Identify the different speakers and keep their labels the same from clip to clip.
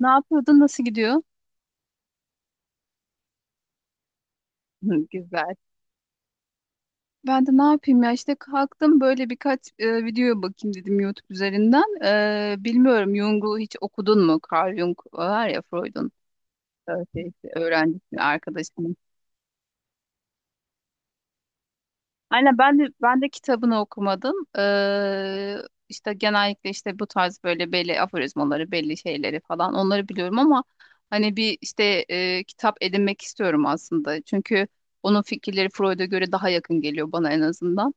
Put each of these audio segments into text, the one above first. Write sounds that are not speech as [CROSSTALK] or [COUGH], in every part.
Speaker 1: Ne yapıyordun? Nasıl gidiyor? [LAUGHS] Hı, güzel. Ben de ne yapayım ya işte kalktım böyle birkaç videoya bakayım dedim YouTube üzerinden. Bilmiyorum, Jung'u hiç okudun mu? Carl Jung var ya, Freud'un şeysi, öğrencisi, arkadaşının. Aynen, ben de kitabını okumadım. İşte genellikle işte bu tarz böyle belli aforizmaları, belli şeyleri falan onları biliyorum ama hani bir işte kitap edinmek istiyorum aslında. Çünkü onun fikirleri Freud'a göre daha yakın geliyor bana, en azından.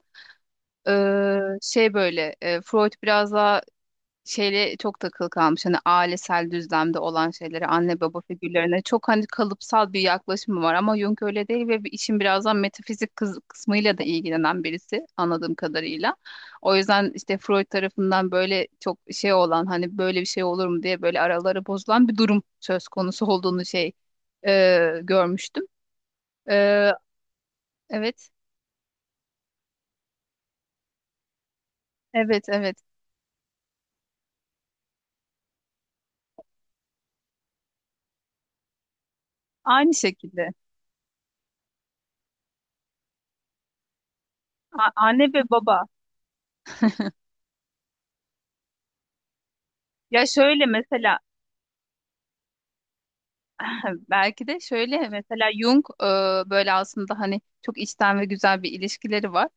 Speaker 1: Şey böyle, Freud biraz daha şeyle çok takılı kalmış, hani ailesel düzlemde olan şeylere, anne baba figürlerine çok hani kalıpsal bir yaklaşımı var, ama Jung öyle değil ve bir işin birazdan metafizik kısmıyla da ilgilenen birisi, anladığım kadarıyla. O yüzden işte Freud tarafından böyle çok şey olan, hani böyle bir şey olur mu diye böyle araları bozulan bir durum söz konusu olduğunu şey görmüştüm. Ee, evet, evet, evet, aynı şekilde. Anne ve baba. Ya şöyle mesela, [LAUGHS] belki de şöyle mesela Jung böyle aslında hani çok içten ve güzel bir ilişkileri var.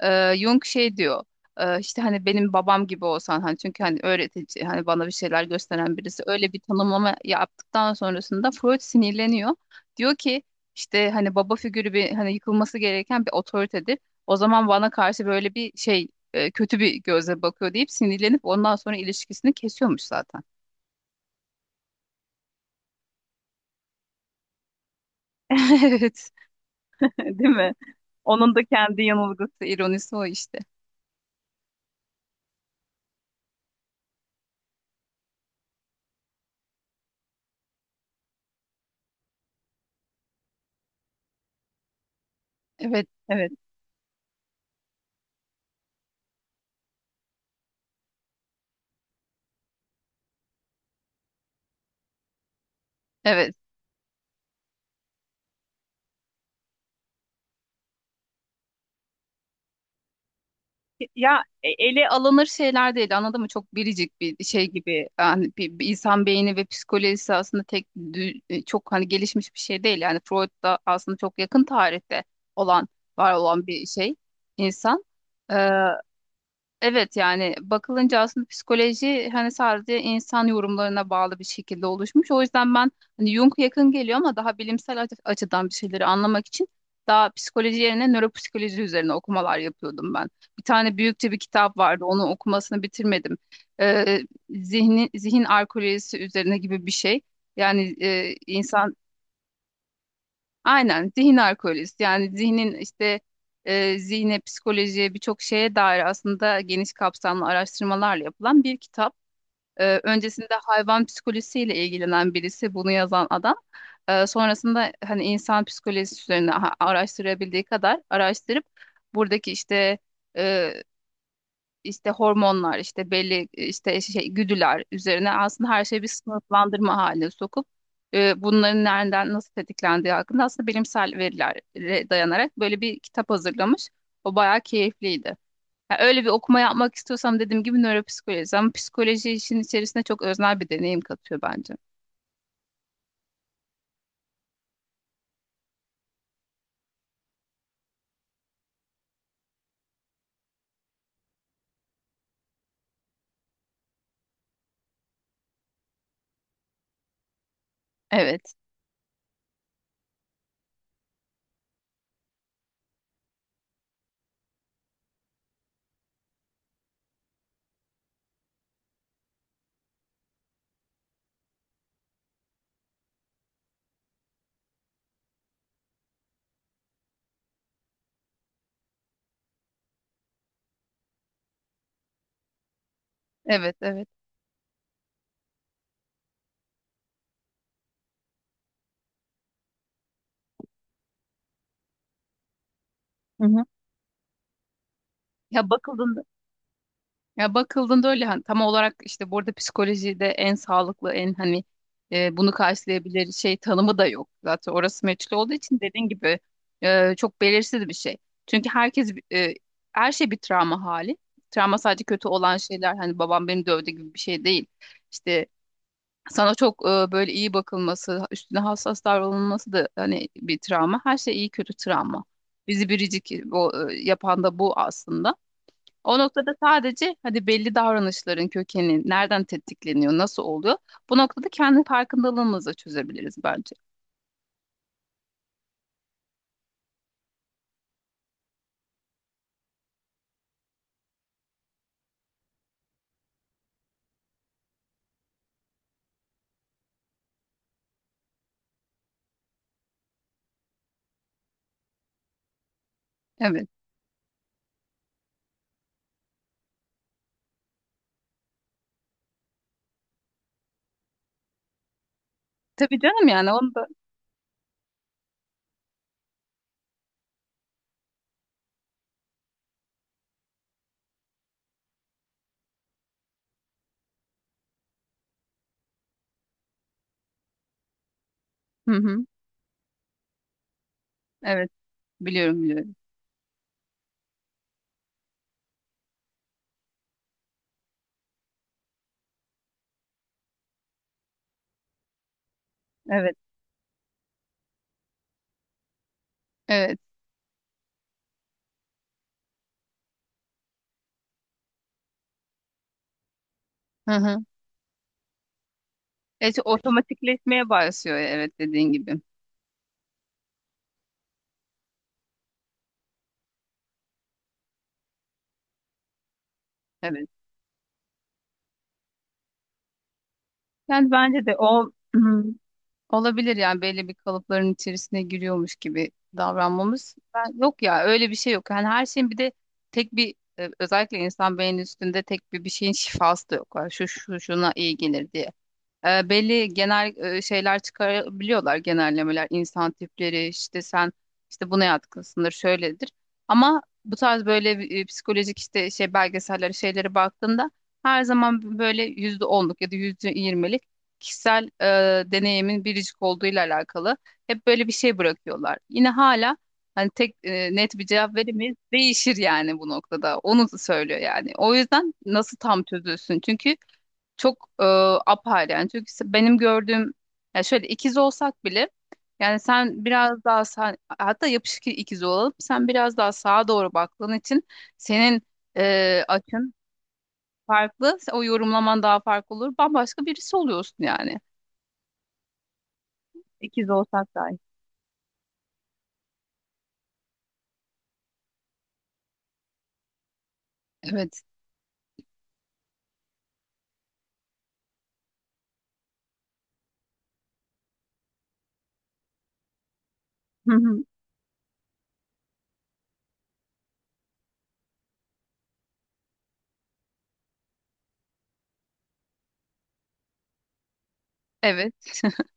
Speaker 1: Jung şey diyor, işte hani benim babam gibi olsan, hani çünkü hani öğretici, hani bana bir şeyler gösteren birisi, öyle bir tanımlama yaptıktan sonrasında Freud sinirleniyor. Diyor ki işte hani baba figürü bir hani yıkılması gereken bir otoritedir. O zaman bana karşı böyle bir şey kötü bir gözle bakıyor deyip sinirlenip ondan sonra ilişkisini kesiyormuş zaten. [LAUGHS] Evet. [LAUGHS] Değil mi? Onun da kendi yanılgısı, ironisi o işte. Evet, evet, evet. Ya ele alınır şeyler değil, anladın mı? Çok biricik bir şey gibi. Yani bir insan beyni ve psikolojisi aslında çok hani gelişmiş bir şey değil. Yani Freud da aslında çok yakın tarihte olan, var olan bir şey, insan. Evet, yani bakılınca aslında psikoloji hani sadece insan yorumlarına bağlı bir şekilde oluşmuş. O yüzden ben hani Jung yakın geliyor, ama daha bilimsel açıdan bir şeyleri anlamak için daha psikoloji yerine nöropsikoloji üzerine okumalar yapıyordum ben. Bir tane büyükçe bir kitap vardı. Onun okumasını bitirmedim. Ee, zihin arkeolojisi üzerine gibi bir şey. Yani insan. Aynen, zihin arkeolojisi, yani zihnin işte zihne, psikolojiye birçok şeye dair aslında geniş kapsamlı araştırmalarla yapılan bir kitap. Öncesinde hayvan psikolojisiyle ilgilenen birisi bunu yazan adam. Sonrasında hani insan psikolojisi üzerine araştırabildiği kadar araştırıp buradaki işte e, işte hormonlar, işte belli işte şey güdüler üzerine aslında her şeyi bir sınıflandırma haline sokup bunların nereden nasıl tetiklendiği hakkında aslında bilimsel verilere dayanarak böyle bir kitap hazırlamış. O bayağı keyifliydi. Yani öyle bir okuma yapmak istiyorsam, dediğim gibi nöropsikoloji, ama psikoloji işin içerisine çok öznel bir deneyim katıyor bence. Evet, evet, evet. Hı hı. Ya bakıldığında Ya bakıldığında öyle hani tam olarak işte burada psikolojide en sağlıklı en hani bunu karşılayabilir şey tanımı da yok. Zaten orası meçhul olduğu için, dediğin gibi, çok belirsiz bir şey. Çünkü her şey bir travma hali. Travma sadece kötü olan şeyler, hani babam beni dövdü gibi bir şey değil. İşte sana çok böyle iyi bakılması, üstüne hassas davranılması da hani bir travma. Her şey iyi kötü travma. Bizi biricik, yapan da bu aslında. O noktada sadece hadi belli davranışların kökeni nereden tetikleniyor, nasıl oluyor? Bu noktada kendi farkındalığımızla çözebiliriz bence. Evet. Tabii canım, yani onu da. Hı hı. Evet. Biliyorum, biliyorum. Evet. Evet. Hı hı. Evet, otomatikleşmeye başlıyor, evet, dediğin gibi. Evet. Yani bence de o. [CLEARS THROAT] Olabilir yani, belli bir kalıpların içerisine giriyormuş gibi davranmamız. Yok ya, öyle bir şey yok. Yani her şeyin bir de tek bir, özellikle insan beyninin üstünde tek bir şeyin şifası da yok. Yani şu şu şuna iyi gelir diye. Belli genel şeyler çıkarabiliyorlar, genellemeler, insan tipleri, işte sen işte buna yatkınsındır, şöyledir. Ama bu tarz böyle psikolojik işte şey belgeseller, şeylere baktığında her zaman böyle %10'luk ya da %20'lik kişisel deneyimin biricik olduğuyla alakalı hep böyle bir şey bırakıyorlar. Yine hala hani tek net bir cevap veremeyiz. Değişir yani bu noktada. Onu söylüyor yani. O yüzden nasıl tam çözülsün? Çünkü çok apayrı yani, çünkü benim gördüğüm, ya şöyle, ikiz olsak bile, yani sen biraz daha sağ, hatta yapışık ikiz olalım, sen biraz daha sağa doğru baktığın için senin açın farklı, o yorumlaman daha farklı olur, bambaşka birisi oluyorsun yani. İkiz olsak dahi. Evet. [LAUGHS] Hı hı. Evet. [LAUGHS]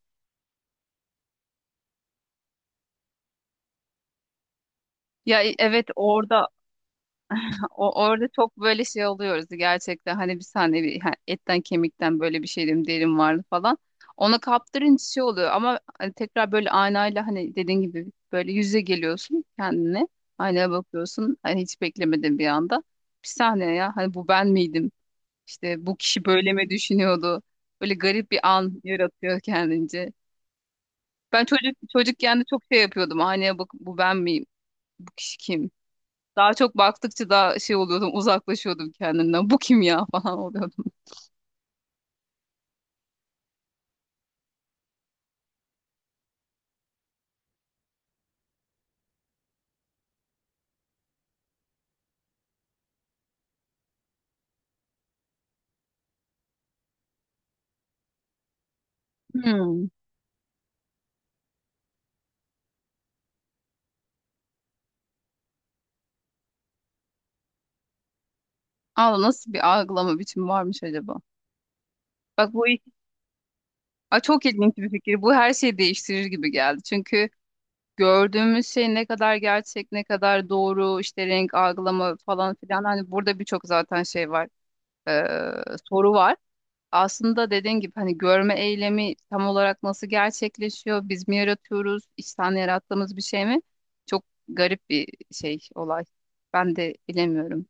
Speaker 1: Ya evet, orada. Orada çok böyle şey oluyoruz gerçekten, hani bir saniye bir, ha, etten kemikten böyle bir şeydim derim vardı falan. Ona kaptırınca şey oluyor ama hani tekrar böyle aynayla, hani dediğin gibi böyle yüze geliyorsun kendine. Aynaya bakıyorsun, hani hiç beklemedin, bir anda. Bir saniye ya, hani bu ben miydim? İşte bu kişi böyle mi düşünüyordu? Böyle garip bir an yaratıyor kendince. Ben çocuk çocukken de çok şey yapıyordum. Aynaya bakıp, bu ben miyim? Bu kişi kim? Daha çok baktıkça daha şey oluyordum, uzaklaşıyordum kendimden. Bu kim ya, [LAUGHS] falan oluyordum. Hmm. Allah, nasıl bir algılama biçimi varmış acaba? Bak bu. Çok ilginç bir fikir. Bu her şeyi değiştirir gibi geldi. Çünkü gördüğümüz şey ne kadar gerçek, ne kadar doğru, işte renk algılama falan filan. Hani burada birçok zaten şey var, ee, soru var. Aslında dediğin gibi hani görme eylemi tam olarak nasıl gerçekleşiyor? Biz mi yaratıyoruz? İçten yarattığımız bir şey mi? Çok garip bir şey olay. Ben de bilemiyorum.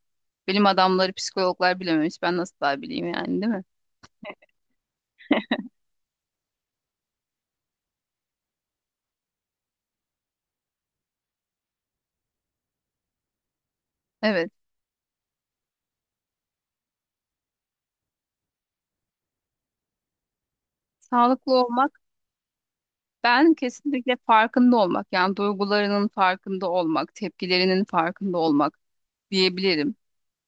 Speaker 1: Bilim adamları, psikologlar bilememiş. Ben nasıl daha bileyim yani, değil mi? Evet. Sağlıklı olmak, ben kesinlikle farkında olmak, yani duygularının farkında olmak, tepkilerinin farkında olmak diyebilirim.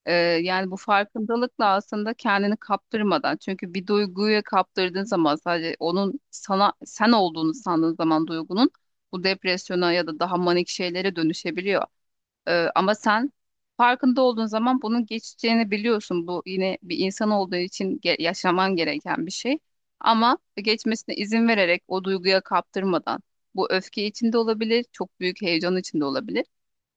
Speaker 1: Ee, Yani bu farkındalıkla aslında kendini kaptırmadan, çünkü bir duyguya kaptırdığın zaman, sadece onun sana sen olduğunu sandığın zaman, duygunun bu depresyona ya da daha manik şeylere dönüşebiliyor. Ama sen farkında olduğun zaman bunun geçeceğini biliyorsun. Bu yine bir insan olduğu için yaşaman gereken bir şey. Ama geçmesine izin vererek, o duyguya kaptırmadan, bu öfke içinde olabilir, çok büyük heyecan içinde olabilir.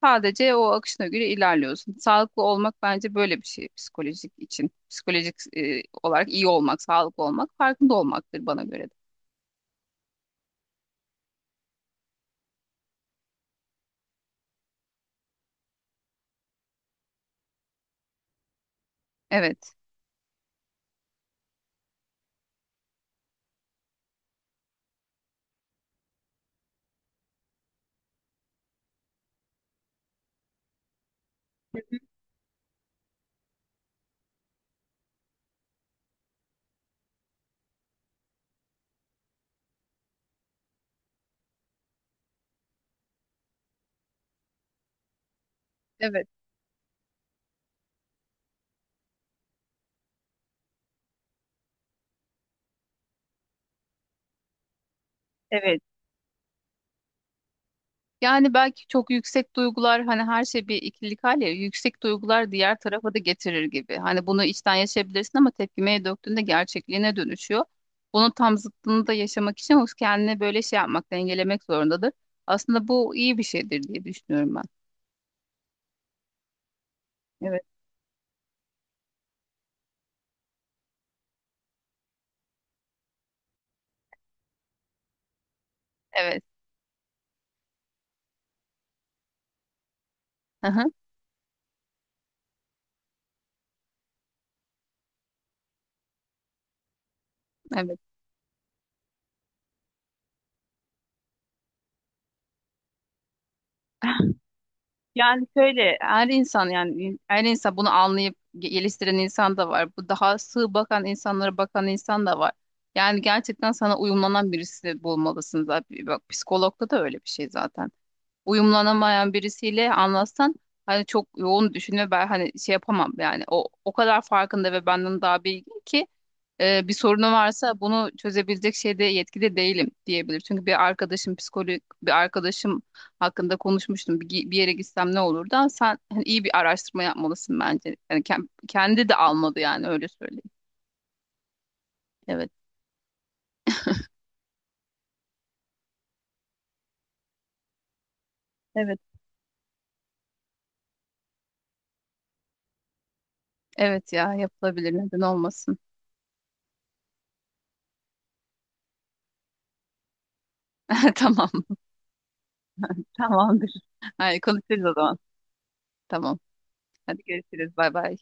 Speaker 1: Sadece o akışına göre ilerliyorsun. Sağlıklı olmak bence böyle bir şey psikolojik için. Psikolojik olarak iyi olmak, sağlıklı olmak, farkında olmaktır bana göre de. Evet. Evet, evet. Yani belki çok yüksek duygular, hani her şey bir ikilik hal ya, yüksek duygular diğer tarafa da getirir gibi. Hani bunu içten yaşayabilirsin ama tepkimeye döktüğünde gerçekliğine dönüşüyor. Bunun tam zıttını da yaşamak için o kendine böyle şey yapmak, dengelemek zorundadır. Aslında bu iyi bir şeydir diye düşünüyorum ben. Evet. Evet. Hı hı. Evet. [LAUGHS] Yani şöyle her insan, yani her insan, bunu anlayıp geliştiren insan da var. Bu daha sığ bakan insanlara bakan insan da var. Yani gerçekten sana uyumlanan birisi bulmalısın zaten. Bak, psikologda da öyle bir şey zaten. Uyumlanamayan birisiyle anlatsan, hani çok yoğun düşünme, ben hani şey yapamam yani, o kadar farkında ve benden daha bilgin ki bir sorunu varsa bunu çözebilecek şeyde, yetkide değilim diyebilir. Çünkü bir arkadaşım psikolog, bir arkadaşım hakkında konuşmuştum. Bir yere gitsem ne olur, da sen hani iyi bir araştırma yapmalısın bence. Yani kendi de almadı yani, öyle söyleyeyim. Evet. Evet. Evet ya, yapılabilir, neden olmasın. [LAUGHS] Tamam. Tamamdır. Hayır, konuşuruz o zaman. Tamam. Hadi görüşürüz. Bay bay.